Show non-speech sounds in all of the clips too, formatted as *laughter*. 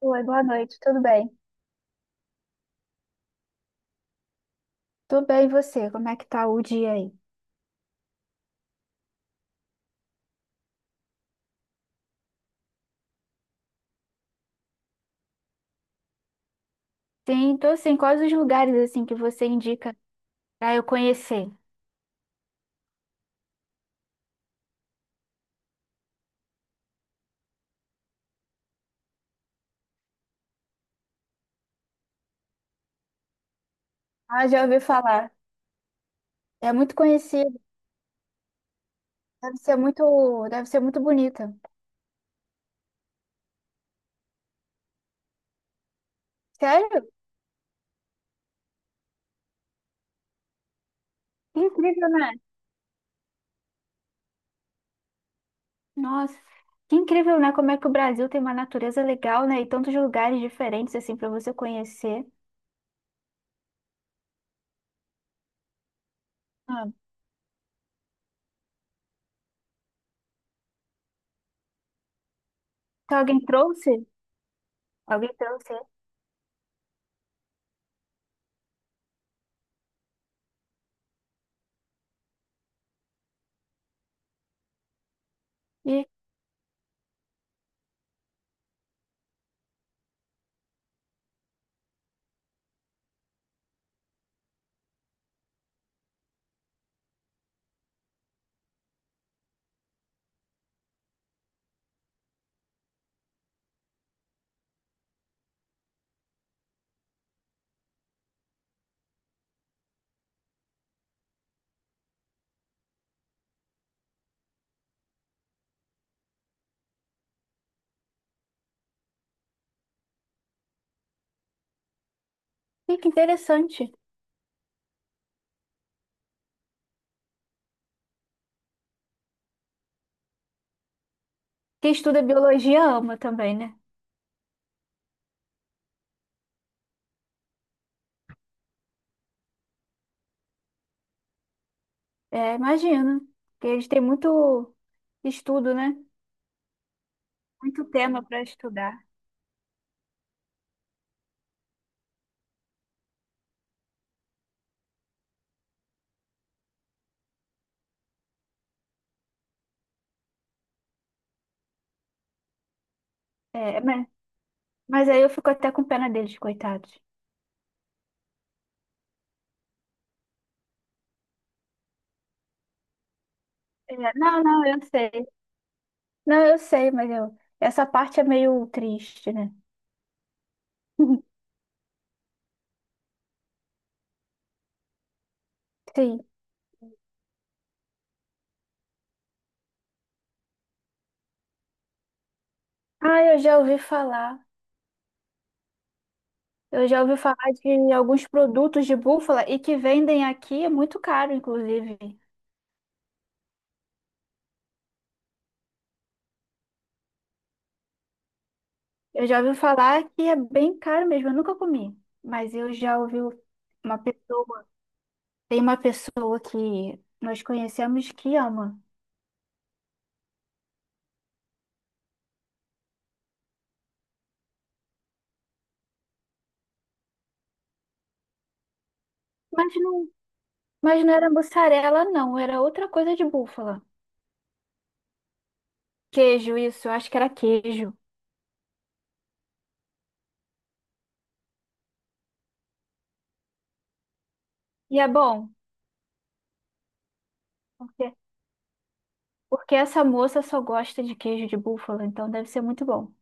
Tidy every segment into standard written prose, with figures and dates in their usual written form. Oi, boa noite, tudo bem? Tudo bem, e você? Como é que tá o dia aí? Sim, tô sim. Quais os lugares assim que você indica pra eu conhecer? Ah, já ouvi falar. É muito conhecido. Deve ser muito bonita. Sério? Que incrível, né? Nossa, que incrível, né? Como é que o Brasil tem uma natureza legal, né? E tantos lugares diferentes assim pra você conhecer. Ah, então alguém trouxe? Alguém trouxe? E, e que interessante. Quem estuda biologia ama também, né? É, imagino. Porque eles têm muito estudo, né? Muito tema para estudar. É, mas aí eu fico até com pena deles, coitados. É, não, não, eu sei. Não, eu sei, mas essa parte é meio triste, né? *laughs* Sim. Ah, eu já ouvi falar. Eu já ouvi falar de alguns produtos de búfala e que vendem aqui, é muito caro, inclusive. Eu já ouvi falar que é bem caro mesmo, eu nunca comi. Mas eu já ouvi uma pessoa. Tem uma pessoa que nós conhecemos que ama, mas não, mas não era mussarela, não, era outra coisa de búfala. Queijo, isso, eu acho que era queijo. E é bom, porque, porque essa moça só gosta de queijo de búfala, então deve ser muito bom.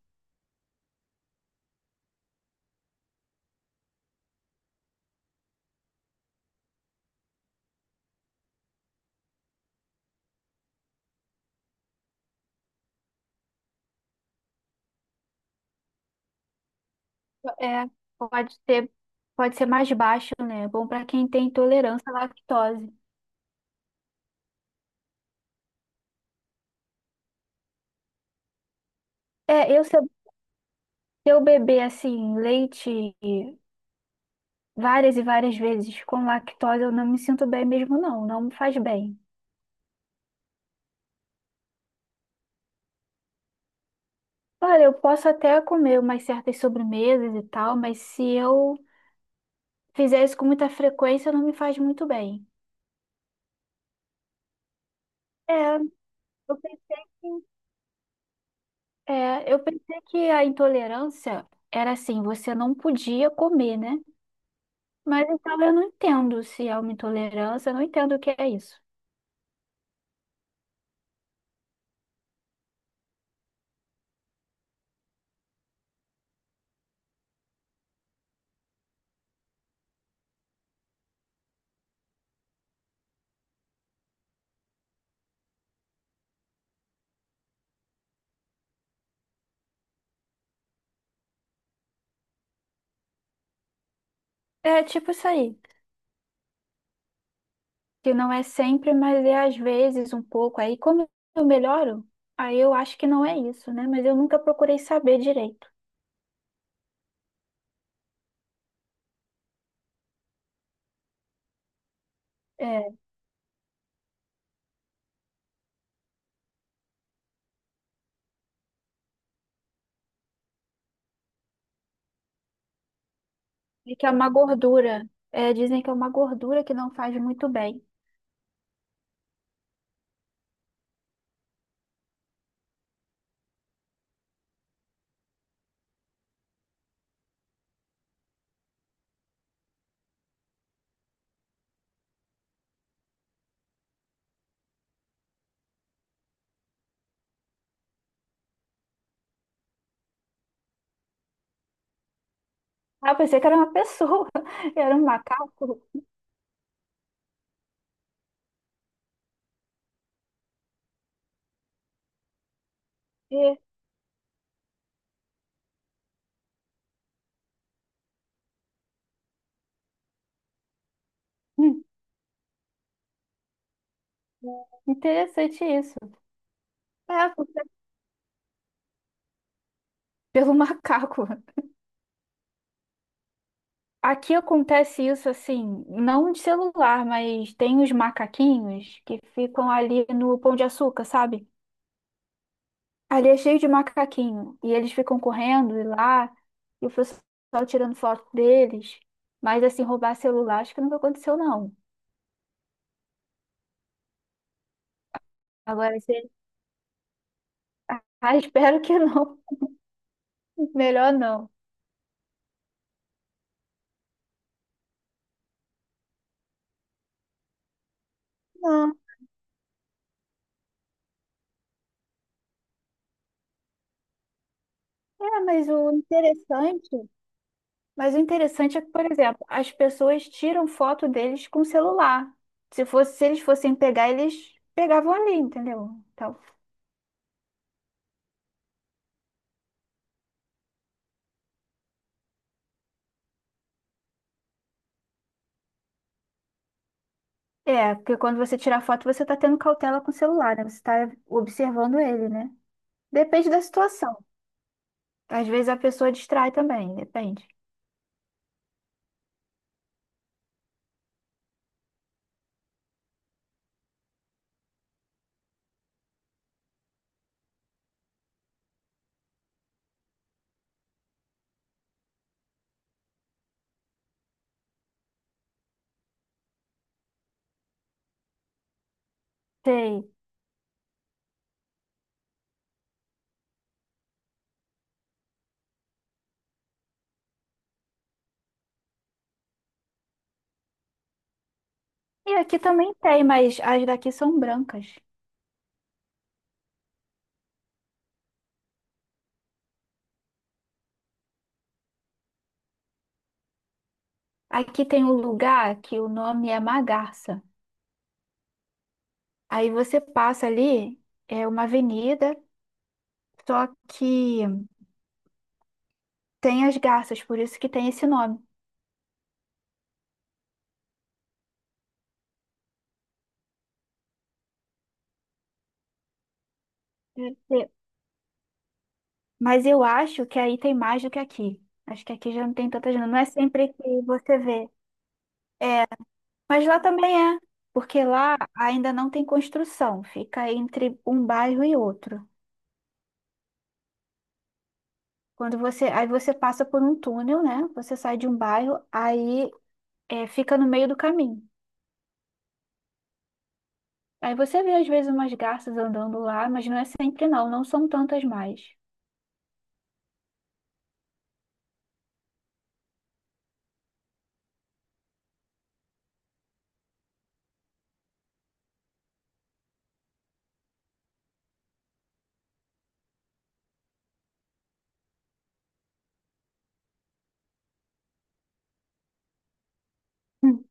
É, pode ter, pode ser mais baixo, né? É bom para quem tem intolerância à lactose. É, eu, se eu Se eu beber assim, leite várias e várias vezes com lactose, eu não me sinto bem mesmo, não, não me faz bem. Olha, eu posso até comer umas certas sobremesas e tal, mas se eu fizer isso com muita frequência, não me faz muito bem. É, eu pensei que. É, eu pensei que a intolerância era assim, você não podia comer, né? Mas então eu não entendo se é uma intolerância, eu não entendo o que é isso. É tipo isso aí, que não é sempre, mas é às vezes um pouco. Aí como eu melhoro, aí eu acho que não é isso, né? Mas eu nunca procurei saber direito. É, É que é uma gordura. É, dizem que é uma gordura que não faz muito bem. Ah, eu pensei que era uma pessoa, *laughs* era um macaco. E, hum, interessante isso. É pelo macaco. Aqui acontece isso assim, não de celular, mas tem os macaquinhos que ficam ali no Pão de Açúcar, sabe? Ali é cheio de macaquinho. E eles ficam correndo e lá, e o pessoal tirando foto deles. Mas assim, roubar celular, acho que nunca aconteceu, não. Agora, se Ah, espero que não. *laughs* Melhor não. Não. É, mas o interessante, mas o interessante é que, por exemplo, as pessoas tiram foto deles com celular. Se fosse, se eles fossem pegar, eles pegavam ali, entendeu? Então, é, porque quando você tira foto, você tá tendo cautela com o celular, né? Você tá observando ele, né? Depende da situação. Às vezes a pessoa distrai também, depende. Tem. E aqui também tem, mas as daqui são brancas. Aqui tem um lugar que o nome é Magarça. Aí você passa ali, é uma avenida, só que tem as garças, por isso que tem esse nome. Deve ser. Mas eu acho que aí tem mais do que aqui. Acho que aqui já não tem tantas, não é sempre que você vê. Mas lá também é, porque lá ainda não tem construção, fica entre um bairro e outro. Quando você, aí você passa por um túnel, né? Você sai de um bairro, aí é, fica no meio do caminho. Aí você vê às vezes umas garças andando lá, mas não é sempre não, não são tantas mais. Hum.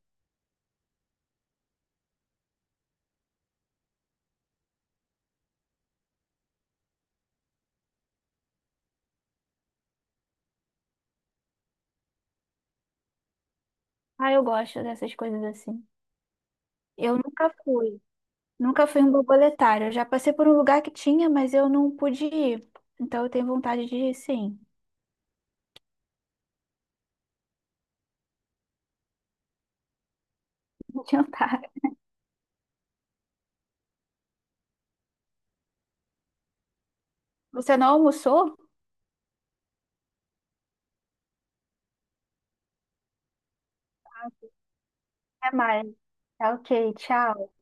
Ah, eu gosto dessas coisas assim. Eu nunca fui. Nunca fui um borboletário. Eu já passei por um lugar que tinha, mas eu não pude ir. Então eu tenho vontade de ir, sim. *laughs* Adiantar. Você não almoçou? Até mais. Tá ok, tchau.